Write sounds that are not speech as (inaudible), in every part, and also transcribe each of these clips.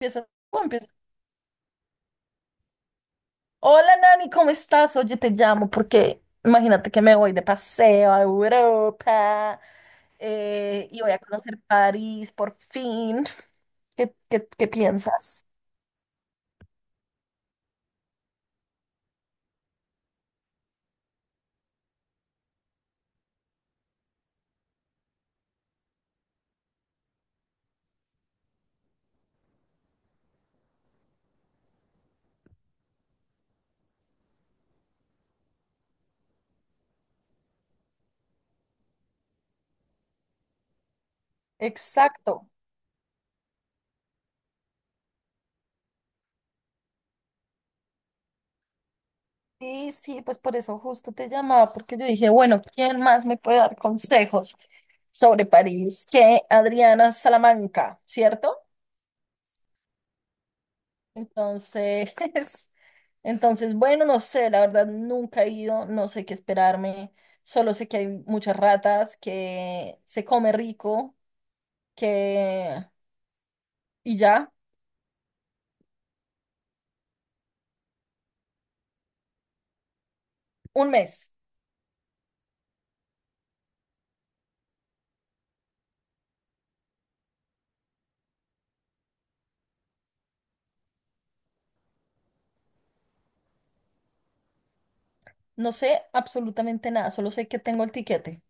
Empiezas tú, hola Nani, ¿cómo estás? Oye, te llamo porque imagínate que me voy de paseo a Europa y voy a conocer París por fin. ¿Qué piensas? Exacto. Sí, sí, pues por eso justo te llamaba, porque yo dije, bueno, ¿quién más me puede dar consejos sobre París que Adriana Salamanca, ¿cierto? Entonces, (laughs) entonces, bueno, no sé, la verdad nunca he ido, no sé qué esperarme, solo sé que hay muchas ratas, que se come rico, que... y ya, un mes, no sé absolutamente nada, solo sé que tengo el tiquete.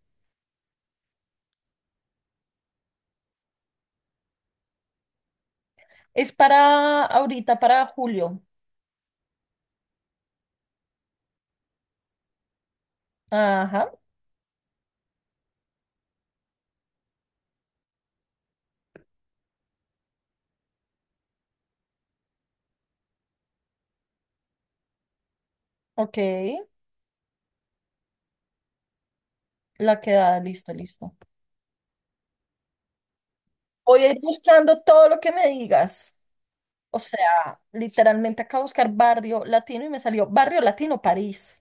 Es para ahorita, para julio. Ajá, ok. La quedada, listo, listo. Voy a ir buscando todo lo que me digas. O sea, literalmente acabo de buscar barrio latino y me salió barrio latino París.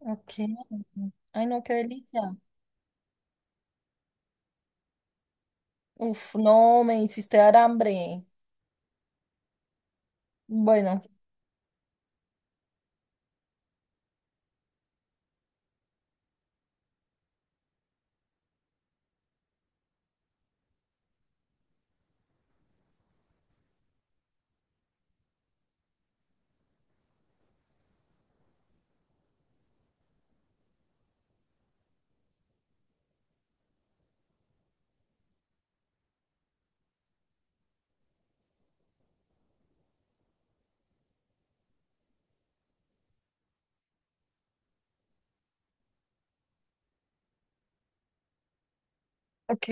Ok. Ay, no, qué delicia. Uf, no, me hiciste dar hambre. Bueno. Ok.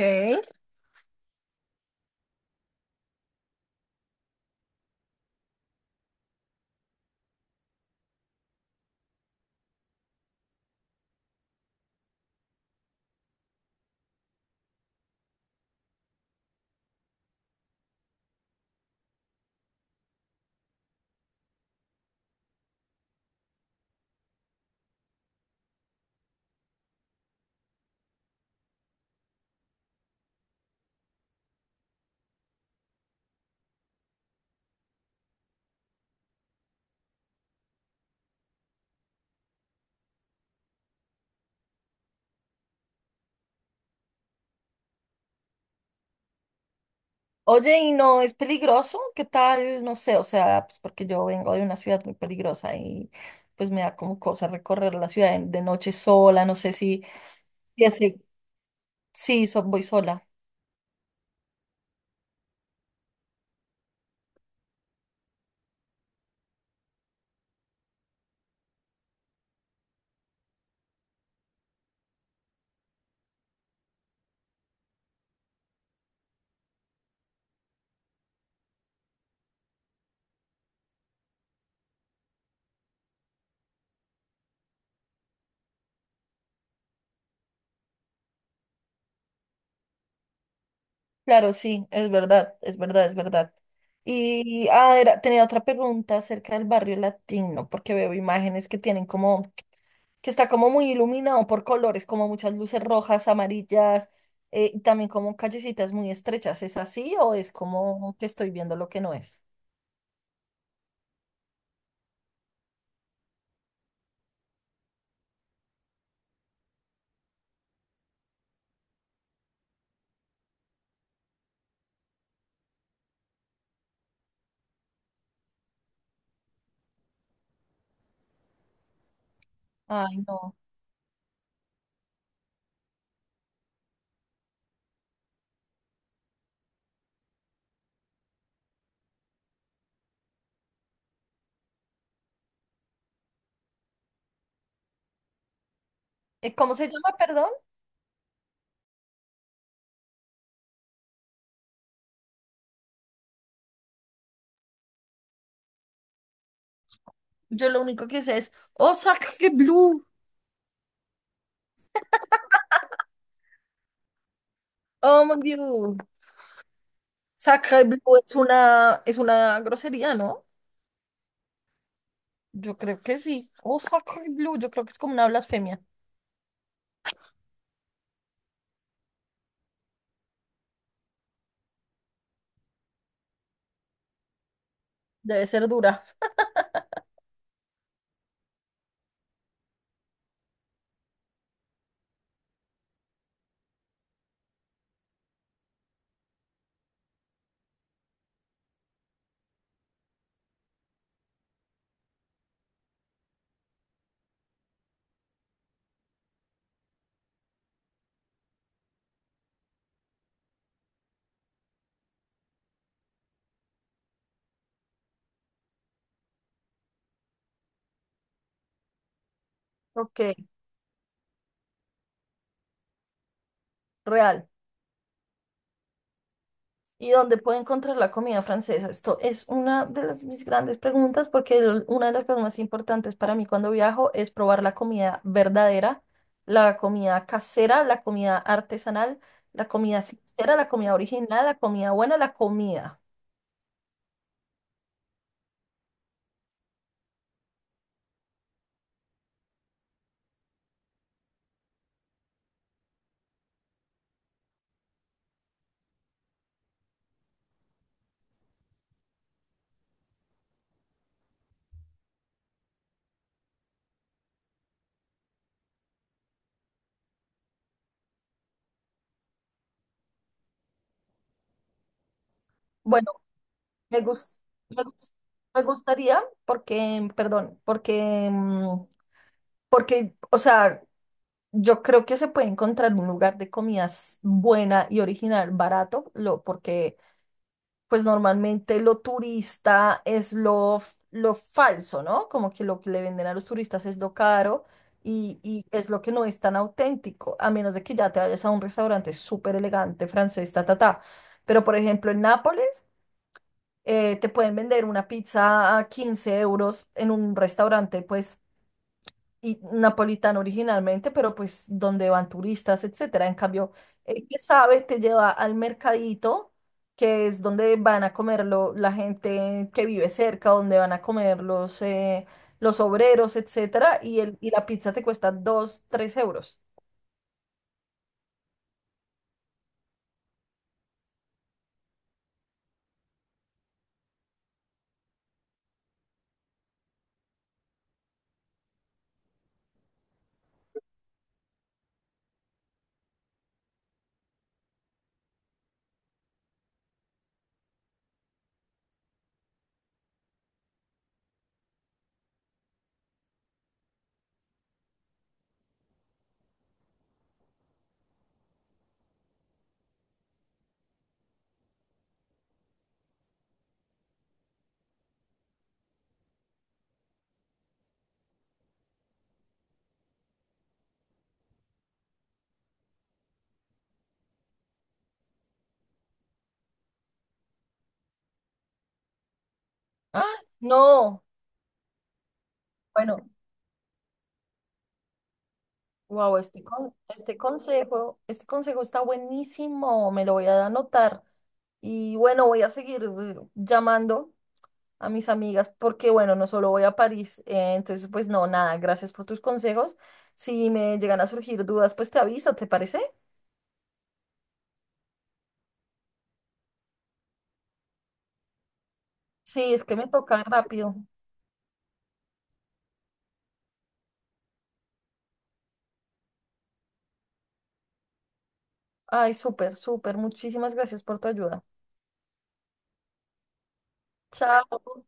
Oye, ¿y no es peligroso? ¿Qué tal? No sé, o sea, pues porque yo vengo de una ciudad muy peligrosa y pues me da como cosa recorrer la ciudad de noche sola, no sé si... Ya sé, sí, voy sola. Claro, sí, es verdad, es verdad, es verdad. Tenía otra pregunta acerca del barrio latino, porque veo imágenes que tienen como, que está como muy iluminado por colores, como muchas luces rojas, amarillas, y también como callecitas muy estrechas. ¿Es así o es como que estoy viendo lo que no es? Ay, no. ¿Cómo se llama, perdón? Yo lo único que sé es, oh, Sacre Blue. Oh, mon Dieu. Sacre Blue es una grosería, ¿no? Yo creo que sí. Osaka Blue, yo creo que es como una blasfemia. Debe ser dura. (laughs) Ok, real. ¿Y dónde puedo encontrar la comida francesa? Esto es una de las, mis grandes preguntas porque una de las cosas más importantes para mí cuando viajo es probar la comida verdadera, la comida casera, la comida artesanal, la comida sincera, la comida original, la comida buena, la comida. Bueno, me gus- me gus- me gustaría porque, perdón, porque, o sea, yo creo que se puede encontrar un lugar de comidas buena y original, barato, lo, porque pues normalmente lo turista es lo falso, ¿no? Como que lo que le venden a los turistas es lo caro y es lo que no es tan auténtico, a menos de que ya te vayas a un restaurante súper elegante francés, ta, ta, ta. Pero por ejemplo en Nápoles te pueden vender una pizza a 15 euros en un restaurante pues y napolitano originalmente, pero pues donde van turistas, etcétera. En cambio, el que sabe te lleva al mercadito, que es donde van a comerlo la gente que vive cerca, donde van a comer los obreros, etcétera, y, el, y la pizza te cuesta 2 3 euros. ¡Ah! No, bueno, wow, este consejo está buenísimo, me lo voy a anotar. Y bueno, voy a seguir llamando a mis amigas porque, bueno, no solo voy a París. Entonces, pues no, nada, gracias por tus consejos. Si me llegan a surgir dudas, pues te aviso, ¿te parece? Sí, es que me toca rápido. Ay, súper, súper. Muchísimas gracias por tu ayuda. Chao.